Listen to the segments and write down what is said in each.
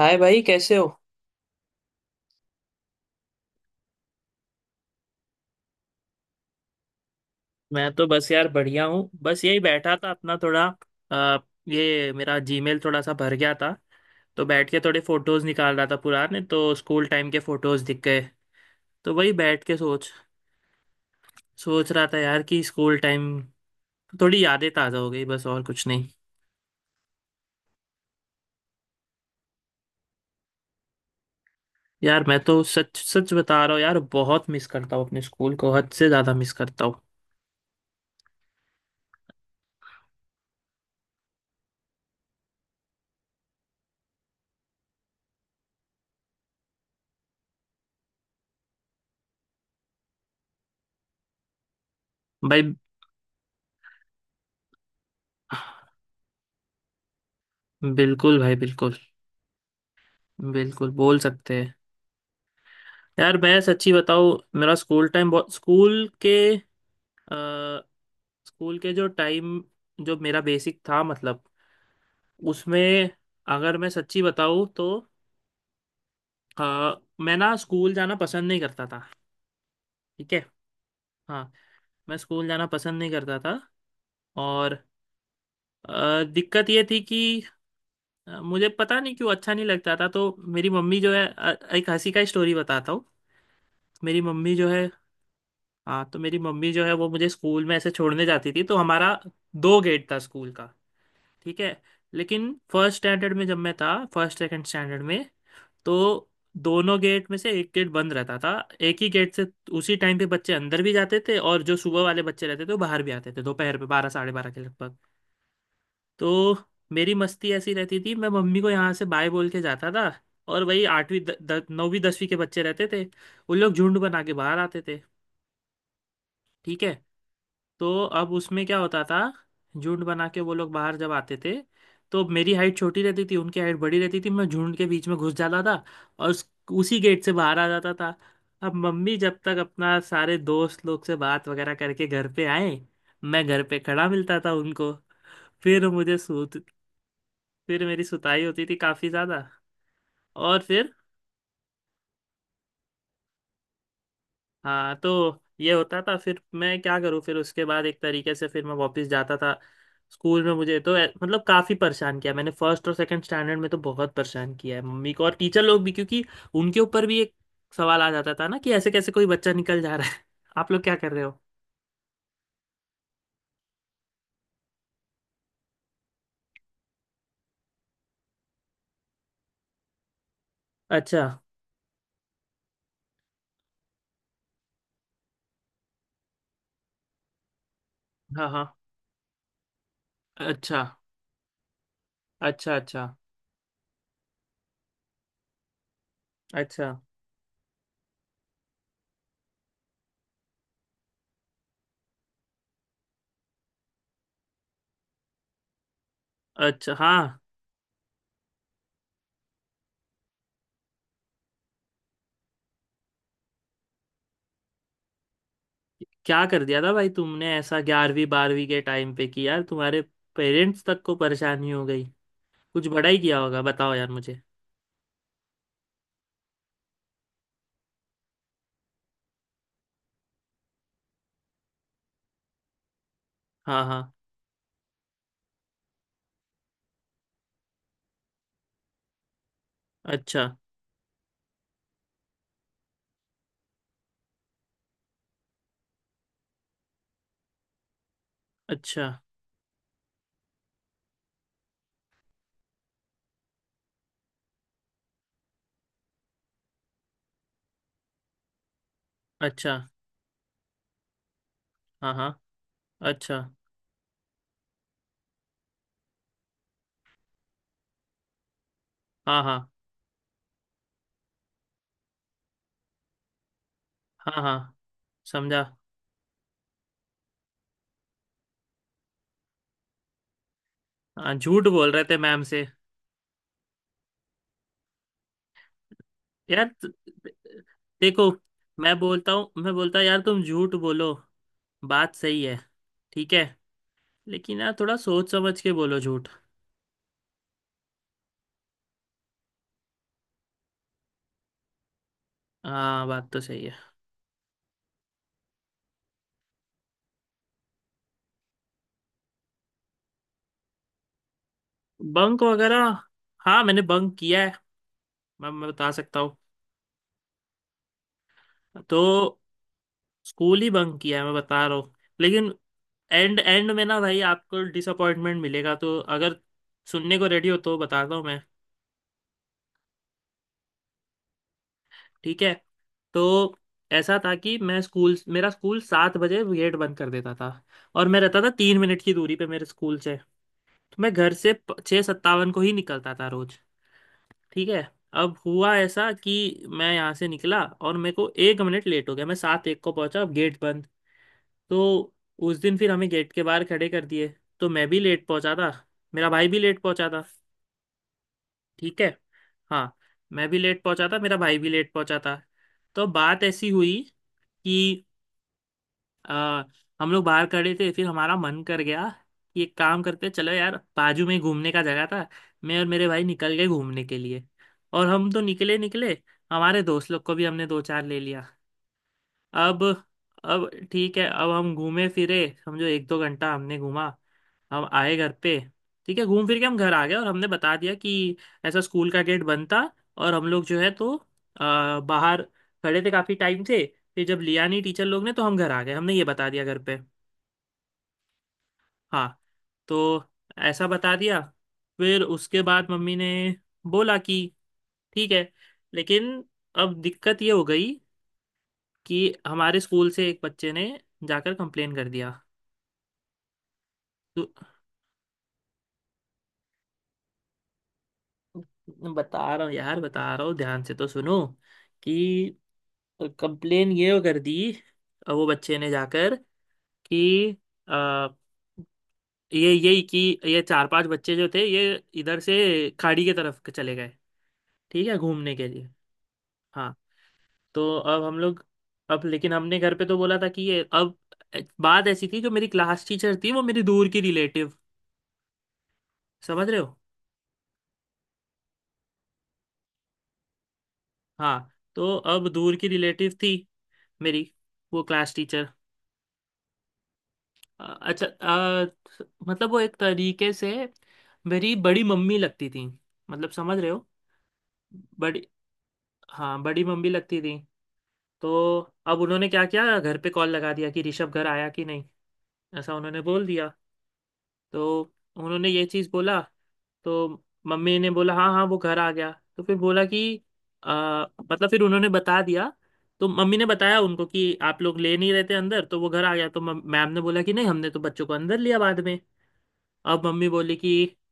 हाय भाई कैसे हो। मैं तो बस यार बढ़िया हूँ। बस यही बैठा था अपना थोड़ा अ, ये मेरा जीमेल थोड़ा सा भर गया था। तो बैठ के थोड़े फोटोज निकाल रहा था पुराने। तो स्कूल टाइम के फोटोज दिख गए। तो वही बैठ के सोच सोच रहा था यार कि स्कूल टाइम थोड़ी यादें ताज़ा हो गई। बस और कुछ नहीं। यार मैं तो सच सच बता रहा हूँ यार, बहुत मिस करता हूँ अपने स्कूल को, हद से ज़्यादा मिस करता हूँ। भाई, बिल्कुल भाई, बिल्कुल, बिल्कुल बोल सकते हैं। यार मैं सच्ची बताऊँ, मेरा स्कूल टाइम बहुत, अ, स्कूल के जो टाइम, जो मेरा बेसिक था मतलब, उसमें अगर मैं सच्ची बताऊँ तो अ, मैं ना स्कूल जाना पसंद नहीं करता था। ठीक है। हाँ, मैं स्कूल जाना पसंद नहीं करता था। और दिक्कत ये थी कि मुझे पता नहीं क्यों अच्छा नहीं लगता था। तो मेरी मम्मी जो है, एक हंसी का स्टोरी बताता हूँ। मेरी मम्मी जो है। हाँ, तो मेरी मम्मी जो है वो मुझे स्कूल में ऐसे छोड़ने जाती थी। तो हमारा दो गेट था स्कूल का। ठीक है। लेकिन फर्स्ट स्टैंडर्ड में जब मैं था, फर्स्ट सेकंड स्टैंडर्ड में, तो दोनों गेट में से एक गेट बंद रहता था। एक ही गेट से उसी टाइम पे बच्चे अंदर भी जाते थे, और जो सुबह वाले बच्चे रहते थे वो बाहर भी आते थे, दोपहर पे बारह साढ़े बारह के लगभग। तो मेरी मस्ती ऐसी रहती थी। मैं मम्मी को यहाँ से बाय बोल के जाता था, और वही आठवीं द, द, नौवीं 10वीं के बच्चे रहते थे, उन लोग झुंड बना के बाहर आते थे। ठीक है। तो अब उसमें क्या होता था, झुंड बना के वो लोग बाहर जब आते थे, तो मेरी हाइट छोटी रहती थी, उनकी हाइट बड़ी रहती थी, मैं झुंड के बीच में घुस जाता था और उसी गेट से बाहर आ जाता था। अब मम्मी जब तक अपना सारे दोस्त लोग से बात वगैरह करके घर पे आए, मैं घर पे खड़ा मिलता था उनको। फिर मुझे सूत फिर मेरी सुताई होती थी काफ़ी ज़्यादा। और फिर, हाँ तो ये होता था। फिर मैं क्या करूँ? फिर उसके बाद एक तरीके से फिर मैं वापस जाता था स्कूल में। मुझे तो मतलब काफ़ी परेशान किया मैंने, फर्स्ट और सेकंड स्टैंडर्ड में तो बहुत परेशान किया है मम्मी को और टीचर लोग भी, क्योंकि उनके ऊपर भी एक सवाल आ जाता था ना कि ऐसे कैसे कोई बच्चा निकल जा रहा है। आप लोग क्या कर रहे हो। अच्छा। हाँ हाँ। अच्छा अच्छा। अच्छा अच्छा। अच्छा। हाँ। क्या कर दिया था भाई तुमने ऐसा 11वीं 12वीं के टाइम पे कि यार तुम्हारे पेरेंट्स तक को परेशानी हो गई? कुछ बड़ा ही किया होगा, बताओ यार मुझे। हाँ हाँ। अच्छा अच्छा अच्छा। हाँ हाँ। अच्छा। हाँ हाँ। हाँ हाँ। समझा। हाँ, झूठ बोल रहे थे मैम से। यार देखो, मैं बोलता हूँ मैं बोलता यार, तुम झूठ बोलो बात सही है, ठीक है, लेकिन यार थोड़ा सोच समझ के बोलो झूठ। हाँ बात तो सही है। बंक वगैरह, हाँ मैंने बंक किया है, मैं बता सकता हूँ। तो स्कूल ही बंक किया है मैं बता रहा हूँ। लेकिन एंड एंड में ना भाई आपको डिसअपॉइंटमेंट मिलेगा, तो अगर सुनने को रेडी हो तो बताता हूँ मैं। ठीक है। तो ऐसा था कि मैं स्कूल, मेरा स्कूल 7 बजे गेट बंद कर देता था। और मैं रहता था 3 मिनट की दूरी पे मेरे स्कूल से। तो मैं घर से 6:57 को ही निकलता था रोज। ठीक है। अब हुआ ऐसा कि मैं यहाँ से निकला और मेरे को 1 मिनट लेट हो गया, मैं 7:01 को पहुंचा, अब गेट बंद। तो उस दिन फिर हमें गेट के बाहर खड़े कर दिए। तो मैं भी लेट पहुंचा था, मेरा भाई भी लेट पहुंचा था। ठीक है। हाँ। मैं भी लेट पहुंचा था, मेरा भाई भी लेट पहुंचा था। तो बात ऐसी हुई कि आ, हम लोग बाहर खड़े थे, फिर हमारा मन कर गया कि एक काम करते हैं, चलो यार, बाजू में घूमने का जगह था। मैं और मेरे भाई निकल गए घूमने के लिए। और हम तो निकले निकले, हमारे दोस्त लोग को भी हमने दो चार ले लिया। अब अब ठीक है, अब हम घूमे फिरे। समझो एक दो घंटा हमने घूमा। हम आए घर पे। ठीक है, घूम फिर के हम घर आ गए, और हमने बता दिया कि ऐसा स्कूल का गेट बंद था और हम लोग जो है तो बाहर खड़े थे काफ़ी टाइम से, फिर जब लिया नहीं टीचर लोग ने तो हम घर आ गए, हमने ये बता दिया घर पे। हाँ, तो ऐसा बता दिया। फिर उसके बाद मम्मी ने बोला कि ठीक है। लेकिन अब दिक्कत ये हो गई कि हमारे स्कूल से एक बच्चे ने जाकर कंप्लेन कर दिया। तो बता रहा हूँ यार बता रहा हूँ, ध्यान से तो सुनो कि कंप्लेन ये कर दी, वो बच्चे ने जाकर कि अ, ये यही कि ये चार पांच बच्चे जो थे, ये इधर से खाड़ी के तरफ चले गए, ठीक है घूमने के लिए। हाँ, तो अब हम लोग, अब लेकिन हमने घर पे तो बोला था कि ये, अब बात ऐसी थी जो मेरी क्लास टीचर थी, वो मेरी दूर की रिलेटिव। समझ रहे हो? हाँ, तो अब दूर की रिलेटिव थी मेरी, वो क्लास टीचर। अच्छा, मतलब वो एक तरीके से मेरी बड़ी मम्मी लगती थी, मतलब समझ रहे हो। बड़ी, हाँ बड़ी मम्मी लगती थी। तो अब उन्होंने क्या किया, घर पे कॉल लगा दिया कि ऋषभ घर आया कि नहीं, ऐसा उन्होंने बोल दिया। तो उन्होंने ये चीज़ बोला, तो मम्मी ने बोला हाँ हाँ वो घर आ गया। तो फिर बोला कि आ, मतलब, फिर उन्होंने बता दिया। तो मम्मी ने बताया उनको कि आप लोग ले नहीं रहते अंदर, तो वो घर आ गया। तो मैम ने बोला कि नहीं, हमने तो बच्चों को अंदर लिया बाद में। अब मम्मी बोली कि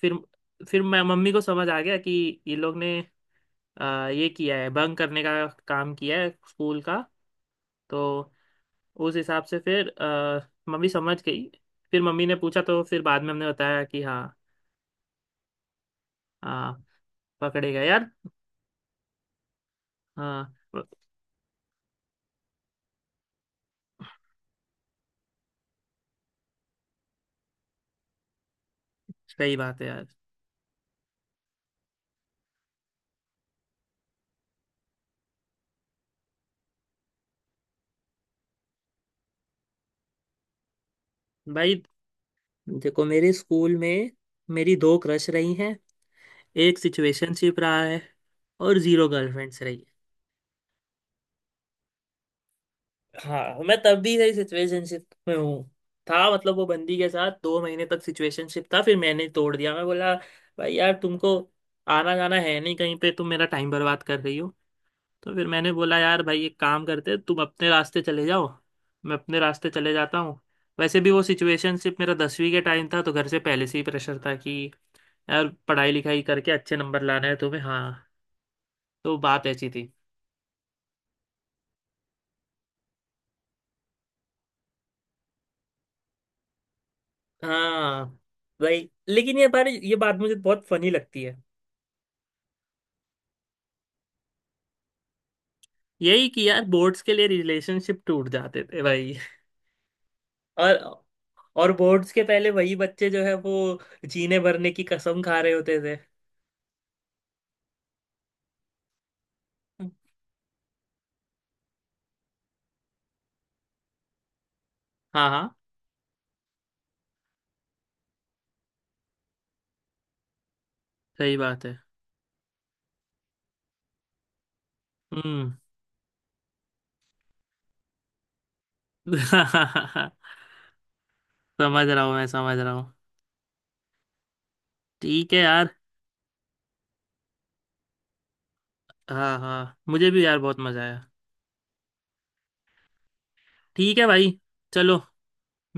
फिर, मैं, मम्मी को समझ आ गया कि ये लोग ने ये किया है, भंग करने का काम किया है स्कूल का। तो उस हिसाब से फिर मम्मी समझ गई। फिर मम्मी ने पूछा, तो फिर बाद में हमने बताया कि हाँ। हाँ, पकड़े गए यार। हाँ, सही बात है यार। भाई देखो, मेरे स्कूल में मेरी दो क्रश रही हैं, एक सिचुएशनशिप रहा है और जीरो गर्लफ्रेंड्स रही। हाँ, मैं तब भी सही सिचुएशनशिप में हूँ, था मतलब, वो बंदी के साथ 2 महीने तक सिचुएशनशिप था, फिर मैंने तोड़ दिया। मैं बोला भाई यार तुमको आना जाना है नहीं कहीं पे, तुम मेरा टाइम बर्बाद कर रही हो। तो फिर मैंने बोला यार भाई एक काम करते हैं, तुम अपने रास्ते चले जाओ, मैं अपने रास्ते चले जाता हूँ। वैसे भी वो सिचुएशनशिप मेरा 10वीं के टाइम था, तो घर से पहले से ही प्रेशर था कि यार पढ़ाई लिखाई करके अच्छे नंबर लाना है तुम्हें। हाँ, तो बात ऐसी थी। हाँ भाई, लेकिन ये बारे ये बात मुझे बहुत फनी लगती है, यही कि यार बोर्ड्स के लिए रिलेशनशिप टूट जाते थे भाई। और और बोर्ड्स के पहले वही बच्चे जो है वो जीने भरने की कसम खा रहे होते थे। हाँ हाँ सही बात है। हम्म। समझ रहा हूँ मैं समझ रहा हूँ। ठीक है यार। हाँ हाँ मुझे भी यार बहुत मजा आया। ठीक है भाई। चलो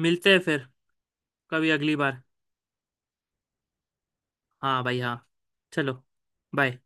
मिलते हैं फिर कभी अगली बार। हाँ भाई हाँ। चलो। बाय।